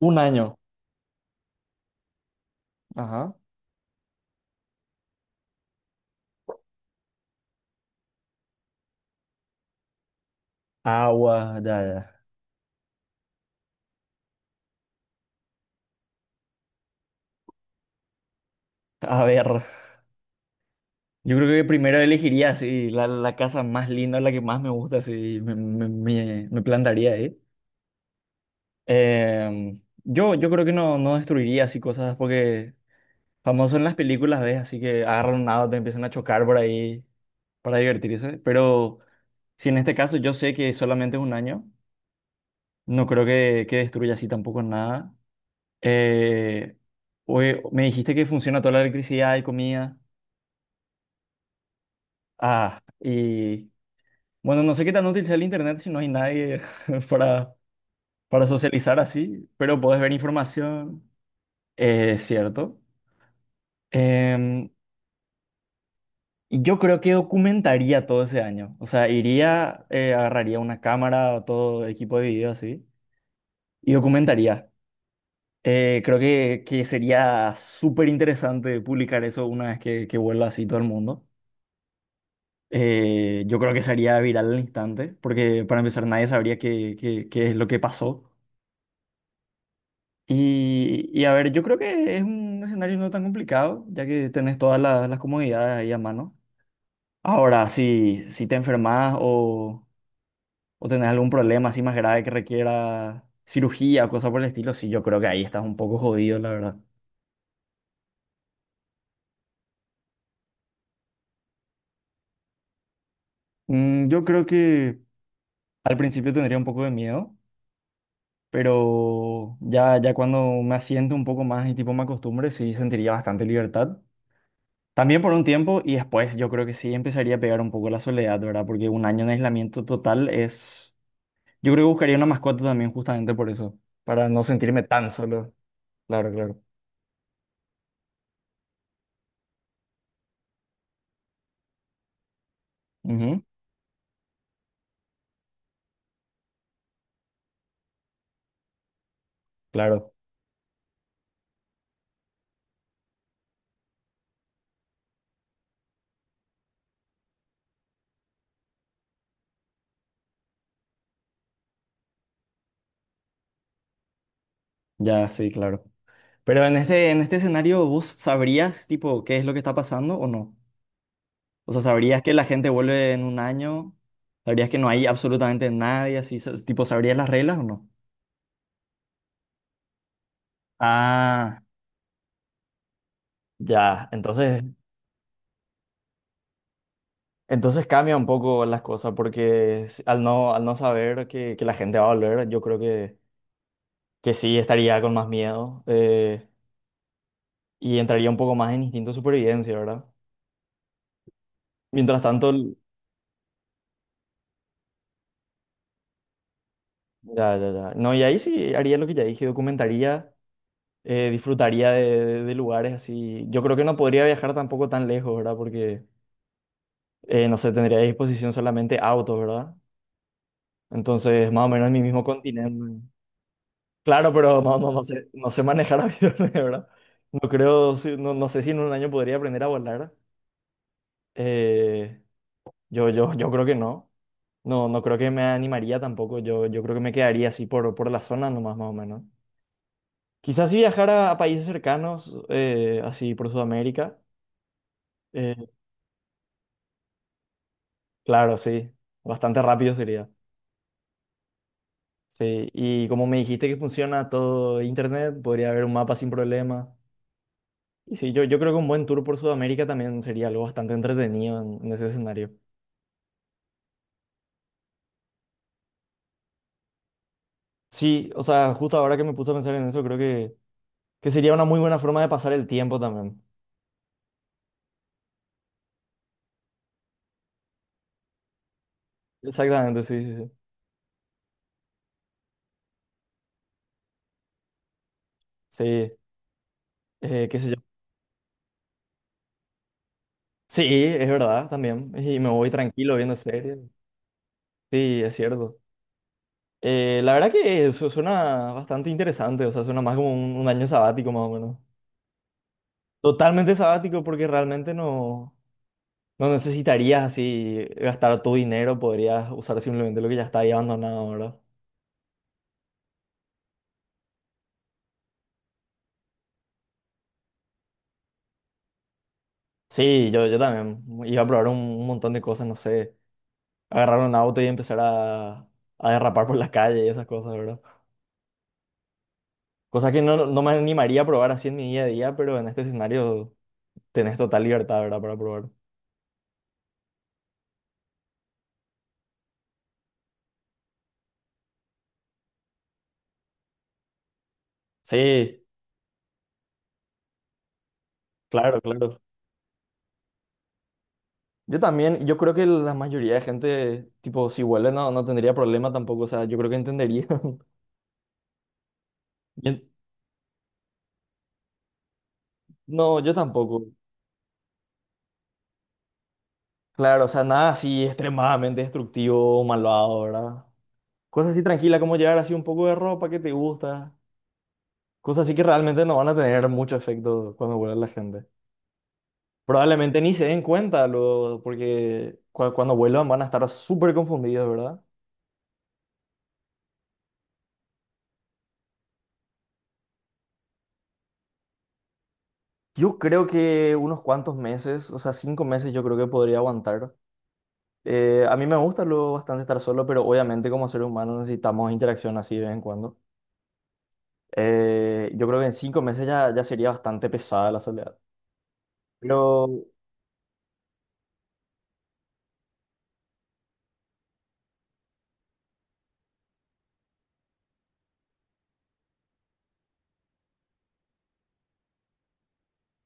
Un año. Ajá. Agua, ya, ya. A ver, yo creo que primero elegiría sí, la casa más linda, la que más me gusta, sí, me plantaría ahí. Yo creo que no, no destruiría así cosas porque famoso en las películas, ¿ves? Así que agarran un auto, empiezan a chocar por ahí para divertirse. Pero si en este caso yo sé que solamente es un año, no creo que destruya así tampoco nada. Eh, oye, me dijiste que funciona toda la electricidad y comida. Ah, y bueno, no sé qué tan útil sea el internet si no hay nadie para, para socializar así, pero podés ver información, es cierto. Em, y yo creo que documentaría todo ese año. O sea, iría, agarraría una cámara o todo equipo de video así y documentaría. Creo que sería súper interesante publicar eso una vez que vuelva así todo el mundo. Yo creo que sería viral al instante, porque para empezar nadie sabría qué, qué, qué es lo que pasó. Y a ver, yo creo que es un escenario no tan complicado, ya que tenés todas las comodidades ahí a mano. Ahora, si te enfermas o tenés algún problema así más grave que requiera cirugía o cosas por el estilo, sí, yo creo que ahí estás un poco jodido, la verdad. Mm, yo creo que al principio tendría un poco de miedo, pero ya, ya cuando me asiento un poco más y tipo me acostumbre, sí sentiría bastante libertad. También por un tiempo y después yo creo que sí empezaría a pegar un poco la soledad, ¿verdad? Porque un año en aislamiento total es… Yo creo que buscaría una mascota también justamente por eso, para no sentirme tan solo. Claro, claro. Ujú. Claro, ya, sí, claro. Pero en este escenario, ¿vos sabrías, tipo, qué es lo que está pasando o no? O sea, ¿sabrías que la gente vuelve en un año? ¿Sabrías que no hay absolutamente nadie así? Sa- Tipo, ¿sabrías las reglas o no? Ah, ya, entonces entonces cambia un poco las cosas porque s- al no saber que la gente va a volver, yo creo que sí estaría con más miedo, y entraría un poco más en instinto de supervivencia, ¿verdad? Mientras tanto, l- ya, ya, ya. No, y ahí sí haría lo que ya dije, documentaría, disfrutaría de, de lugares así. Yo creo que no podría viajar tampoco tan lejos, ¿verdad? Porque, no sé, tendría a disposición solamente autos, ¿verdad? Entonces, más o menos en mi mismo continente. Claro, pero no, no, no sé, no sé manejar aviones, ¿verdad? No creo, si- no, no sé si en un año podría aprender a volar. Eh, yo creo que no. No, no creo que me animaría tampoco. Yo creo que me quedaría así por la zona nomás, más o menos. Quizás si viajara a países cercanos, así por Sudamérica. eh, claro, sí. Bastante rápido sería. Sí. Y como me dijiste que funciona todo internet, podría haber un mapa sin problema. Y sí, yo creo que un buen tour por Sudamérica también sería algo bastante entretenido en ese escenario. Sí, o sea, justo ahora que me puse a pensar en eso, creo que sería una muy buena forma de pasar el tiempo también. Exactamente, sí, sí, sí. Sí, qué sé yo. Sí, es verdad, también. Y me voy tranquilo viendo series. Sí, es cierto. La verdad que eso suena bastante interesante, o sea, suena más como un año sabático más o menos. Totalmente sabático porque realmente no, no necesitarías así gastar tu dinero, podrías usar simplemente lo que ya está ahí abandonado, ¿verdad? Sí, yo también iba a probar un montón de cosas, no sé, agarrar un auto y empezar a derrapar por la calle y esas cosas, ¿verdad? Cosas que no, no me animaría a probar así en mi día a día, pero en este escenario tenés total libertad, ¿verdad? Para probar. Sí, claro, claro. Yo también, yo creo que la mayoría de gente, tipo, si vuelve no, no tendría problema tampoco, o sea, yo creo que entendería. Bien, no, yo tampoco. Claro, o sea, nada así extremadamente destructivo o malvado, ¿verdad? Cosas así tranquilas como llevar así un poco de ropa que te gusta. Cosas así que realmente no van a tener mucho efecto cuando vuelva la gente. Probablemente ni se den cuenta, luego, porque cua- cuando vuelvan van a estar súper confundidos, ¿verdad? Yo creo que unos cuantos meses, o sea, 5 meses yo creo que podría aguantar. A mí me gusta luego bastante estar solo, pero obviamente como seres humanos necesitamos interacción así de vez en cuando. Yo creo que en 5 meses ya, ya sería bastante pesada la soledad. Pero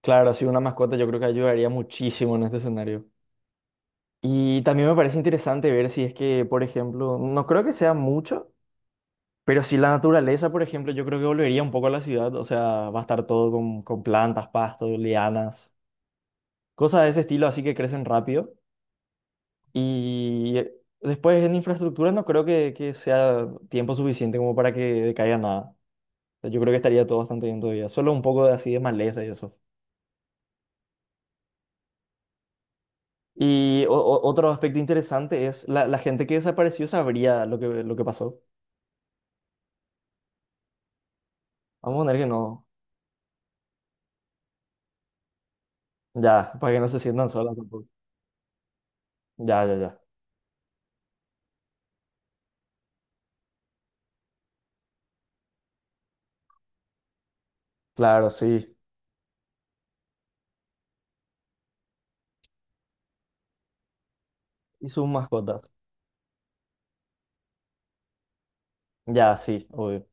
claro, sí, una mascota yo creo que ayudaría muchísimo en este escenario. Y también me parece interesante ver si es que, por ejemplo, no creo que sea mucho, pero si la naturaleza, por ejemplo, yo creo que volvería un poco a la ciudad, o sea, va a estar todo con plantas, pastos, lianas, cosas de ese estilo, así que crecen rápido. Y después en infraestructura no creo que sea tiempo suficiente como para que decaiga nada. O sea, yo creo que estaría todo bastante bien todavía, solo un poco de así de maleza y eso. Y otro aspecto interesante es la, la gente que desapareció sabría lo que pasó. Vamos a poner que no. Ya, para que no se sientan solas tampoco. Ya, ya, ya. Claro, sí. Y sus mascotas. Ya, sí, obvio.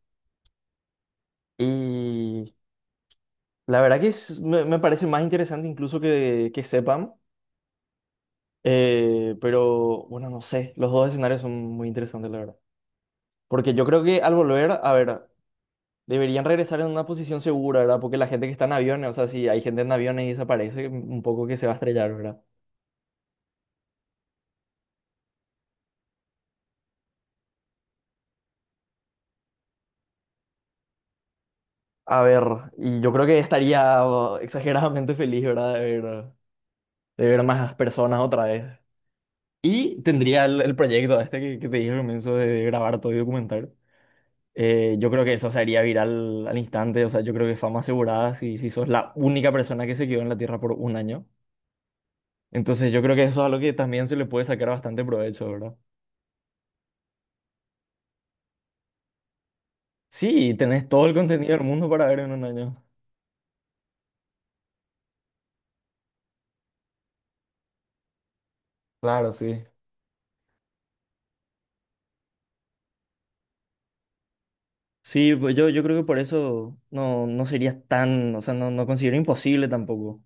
Y la verdad que es- me parece más interesante incluso que sepan. Pero bueno, no sé. Los dos escenarios son muy interesantes, la verdad. Porque yo creo que al volver, a ver, deberían regresar en una posición segura, ¿verdad? Porque la gente que está en aviones, o sea, si hay gente en aviones y desaparece, un poco que se va a estrellar, ¿verdad? A ver, y yo creo que estaría oh, exageradamente feliz, ¿verdad? De ver más personas otra vez. Y tendría el proyecto este que te dije al comienzo de grabar todo y documentar. Yo creo que eso se haría viral al instante, o sea, yo creo que fama asegurada si, si sos la única persona que se quedó en la Tierra por un año. Entonces yo creo que eso es algo que también se le puede sacar bastante provecho, ¿verdad? Sí, tenés todo el contenido del mundo para ver en un año. Claro, sí. Sí, pues yo creo que por eso no, no sería tan, o sea, no, no considero imposible tampoco.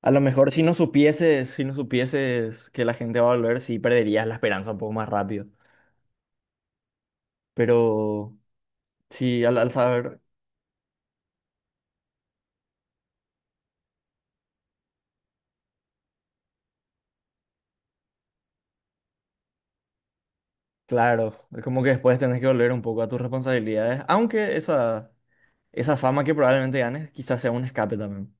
A lo mejor si no supieses, si no supieses que la gente va a volver, sí perderías la esperanza un poco más rápido. Pero sí, al, al saber, claro, es como que después tenés que volver un poco a tus responsabilidades, aunque esa fama que probablemente ganes quizás sea un escape también.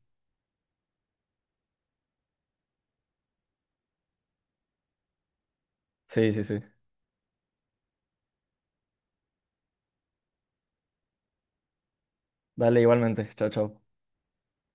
Sí, sí, sí. Dale igualmente. Chao, chao.